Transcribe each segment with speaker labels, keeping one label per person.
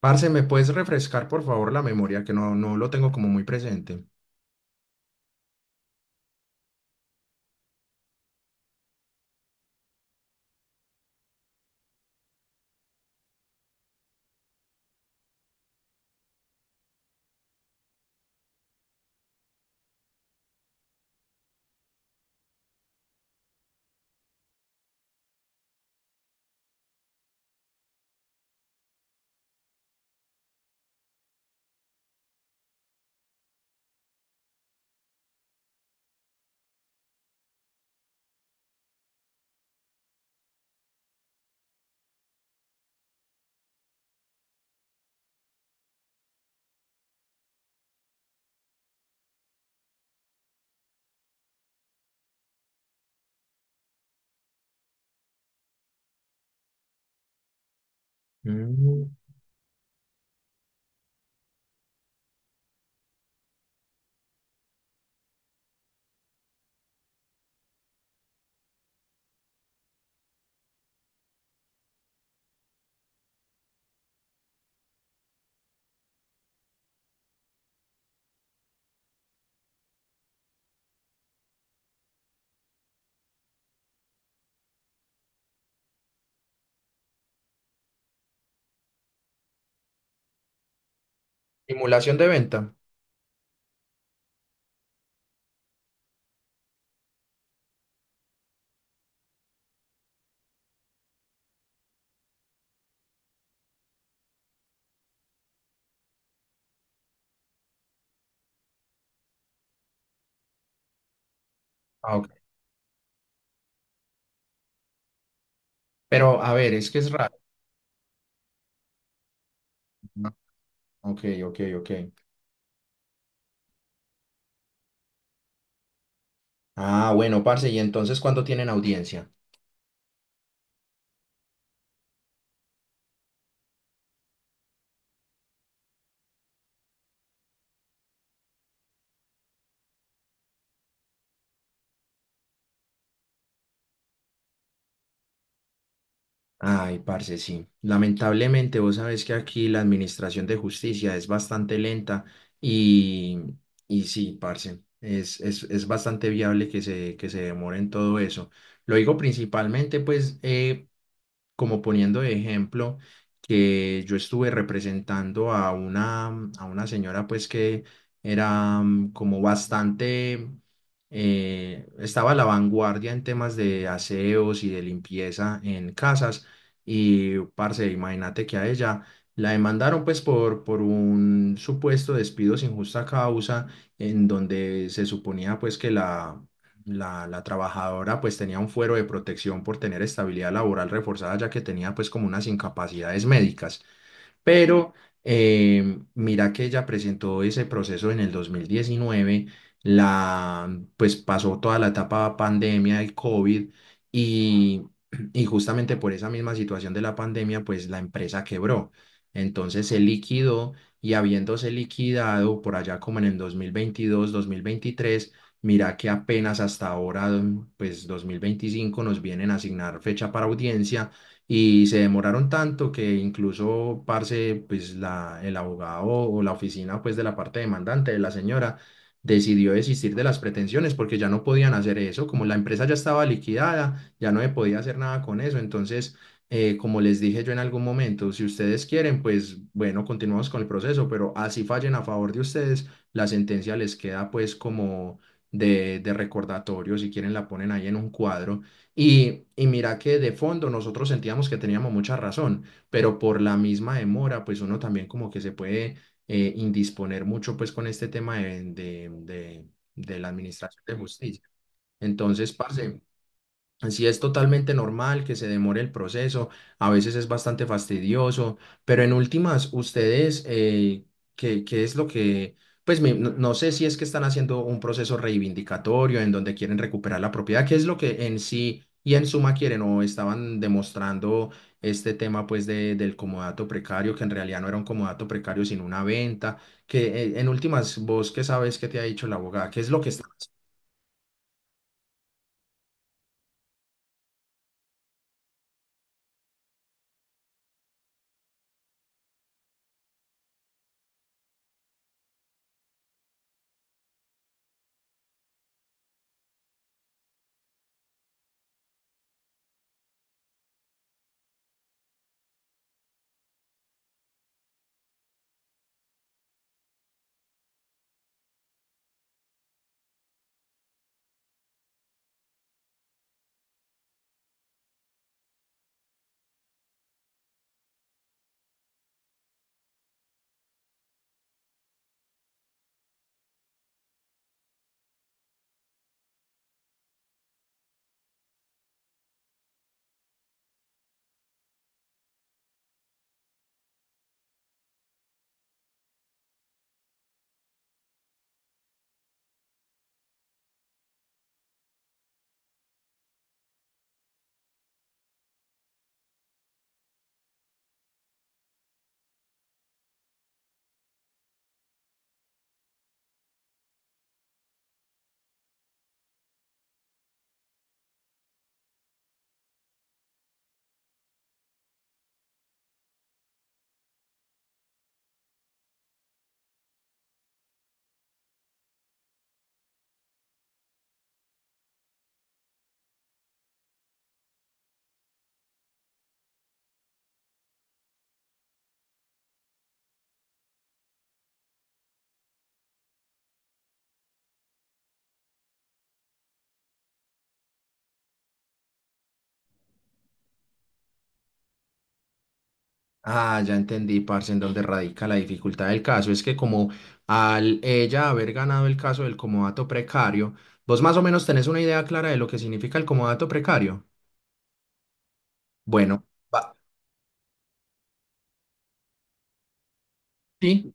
Speaker 1: Parce, ¿me puedes refrescar por favor la memoria? Que no, no lo tengo como muy presente. Mm, simulación de venta. Ah, ok. Pero a ver, es que es raro. ¿No? Ok, ok, ok. Ah, bueno, parce, ¿y entonces cuándo tienen audiencia? Ay, parce, sí. Lamentablemente, vos sabés que aquí la administración de justicia es bastante lenta y, y sí, parce, es bastante viable que se demore en todo eso. Lo digo principalmente, pues, como poniendo de ejemplo que yo estuve representando a una señora pues que era como bastante, estaba a la vanguardia en temas de aseos y de limpieza en casas y parce, imagínate que a ella la demandaron pues por un supuesto despido sin justa causa en donde se suponía pues que la trabajadora pues tenía un fuero de protección por tener estabilidad laboral reforzada, ya que tenía pues como unas incapacidades médicas. Pero mira que ella presentó ese proceso en el 2019. La pues pasó toda la etapa pandemia del COVID y, y justamente por esa misma situación de la pandemia, pues la empresa quebró. Entonces se liquidó y habiéndose liquidado por allá como en el dos mil veintidós 2023, mira que apenas hasta ahora, pues 2025 nos vienen a asignar fecha para audiencia y se demoraron tanto que incluso, parce, pues el abogado o la oficina pues de la parte demandante de la señora decidió desistir de las pretensiones porque ya no podían hacer eso, como la empresa ya estaba liquidada, ya no se podía hacer nada con eso. Entonces, como les dije yo en algún momento, si ustedes quieren, pues bueno, continuamos con el proceso, pero así fallen a favor de ustedes, la sentencia les queda pues como de recordatorio; si quieren la ponen ahí en un cuadro y mira que de fondo nosotros sentíamos que teníamos mucha razón, pero por la misma demora, pues uno también como que se puede indisponer mucho pues con este tema de la administración de justicia. Entonces, parce, así es totalmente normal que se demore el proceso, a veces es bastante fastidioso, pero en últimas, ustedes, ¿qué es lo que, pues no, no sé si es que están haciendo un proceso reivindicatorio en donde quieren recuperar la propiedad, qué es lo que en sí y en suma quieren o estaban demostrando este tema pues del comodato precario, que en realidad no era un comodato precario sino una venta, que en últimas, vos qué sabes que te ha dicho la abogada, qué es lo que... Ah, ya entendí, parce, en donde radica la dificultad del caso. Es que como al ella haber ganado el caso del comodato precario, vos más o menos tenés una idea clara de lo que significa el comodato precario. Bueno, va- sí.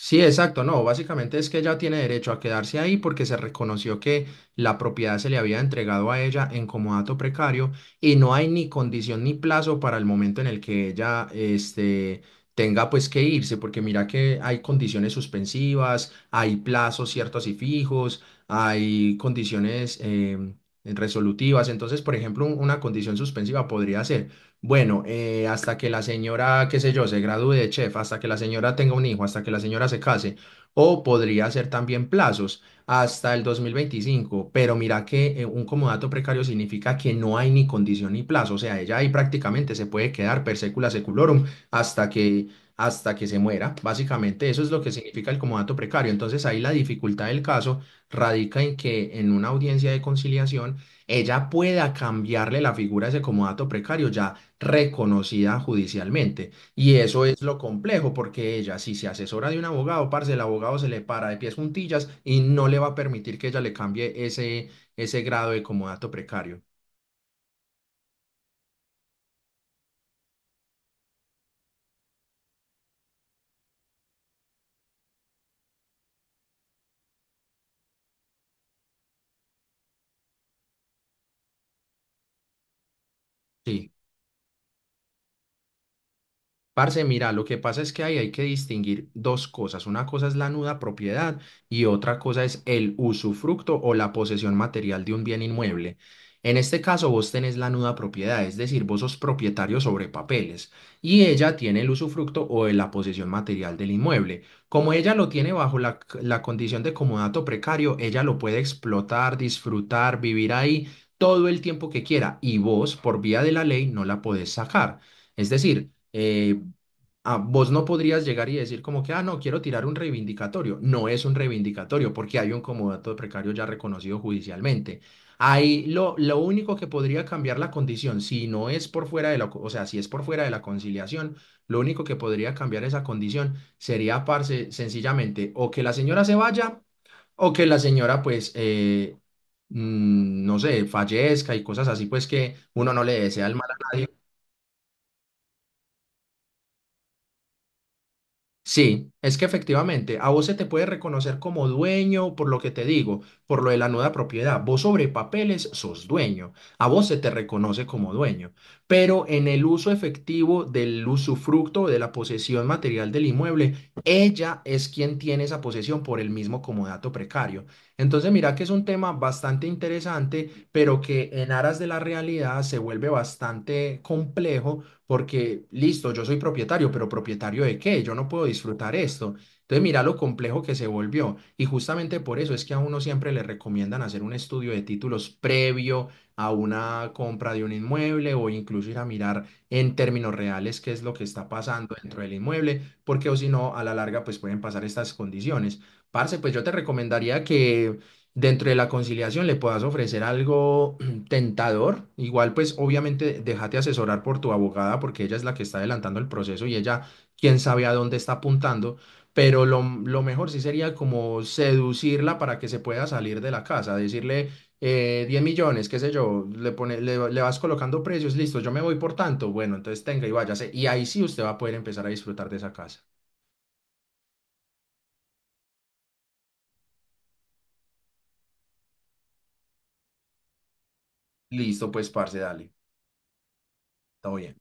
Speaker 1: Sí, exacto, no, básicamente es que ella tiene derecho a quedarse ahí porque se reconoció que la propiedad se le había entregado a ella en comodato precario y no hay ni condición ni plazo para el momento en el que ella este, tenga pues que irse, porque mira que hay condiciones suspensivas, hay plazos ciertos y fijos, hay condiciones resolutivas. Entonces, por ejemplo, una condición suspensiva podría ser bueno, hasta que la señora, qué sé yo, se gradúe de chef, hasta que la señora tenga un hijo, hasta que la señora se case, o podría ser también plazos hasta el 2025, pero mira que un comodato precario significa que no hay ni condición ni plazo, o sea, ella ahí prácticamente se puede quedar per secula seculorum hasta que, hasta que se muera. Básicamente eso es lo que significa el comodato precario, entonces ahí la dificultad del caso radica en que en una audiencia de conciliación ella pueda cambiarle la figura a ese comodato precario, ya reconocida judicialmente. Y eso es lo complejo, porque ella, si se asesora de un abogado, parce, el abogado se le para de pies juntillas y no le va a permitir que ella le cambie ese, ese grado de comodato precario. Sí. Parce, mira, lo que pasa es que ahí hay que distinguir dos cosas. Una cosa es la nuda propiedad y otra cosa es el usufructo o la posesión material de un bien inmueble. En este caso, vos tenés la nuda propiedad, es decir, vos sos propietario sobre papeles y ella tiene el usufructo o de la posesión material del inmueble. Como ella lo tiene bajo la condición de comodato precario, ella lo puede explotar, disfrutar, vivir ahí todo el tiempo que quiera y vos, por vía de la ley, no la podés sacar. Es decir, eh, ah, vos no podrías llegar y decir como que, ah, no, quiero tirar un reivindicatorio. No es un reivindicatorio porque hay un comodato precario ya reconocido judicialmente. Ahí lo único que podría cambiar la condición, si no es por fuera o sea, si es por fuera de la conciliación, lo único que podría cambiar esa condición sería, parce, sencillamente, o que la señora se vaya o que la señora, pues, no sé, fallezca y cosas así, pues que uno no le desea el mal a nadie. Sí, es que efectivamente a vos se te puede reconocer como dueño por lo que te digo, por lo de la nuda propiedad. Vos sobre papeles sos dueño, a vos se te reconoce como dueño, pero en el uso efectivo del usufructo de la posesión material del inmueble, ella es quien tiene esa posesión por el mismo comodato precario. Entonces mira que es un tema bastante interesante, pero que en aras de la realidad se vuelve bastante complejo porque listo, yo soy propietario, pero ¿propietario de qué? Yo no puedo disfrutar esto. Entonces, mira lo complejo que se volvió. Y justamente por eso es que a uno siempre le recomiendan hacer un estudio de títulos previo a una compra de un inmueble o incluso ir a mirar en términos reales qué es lo que está pasando dentro del inmueble, porque o si no, a la larga, pues pueden pasar estas condiciones. Parce, pues yo te recomendaría que dentro de la conciliación le puedas ofrecer algo tentador. Igual, pues obviamente déjate asesorar por tu abogada porque ella es la que está adelantando el proceso y ella quién sabe a dónde está apuntando, pero lo mejor sí sería como seducirla para que se pueda salir de la casa, decirle 10 millones, qué sé yo, pone, le vas colocando precios, listo, yo me voy por tanto, bueno, entonces tenga y váyase y ahí sí usted va a poder empezar a disfrutar de esa casa. Listo, pues parce, dale, todo bien.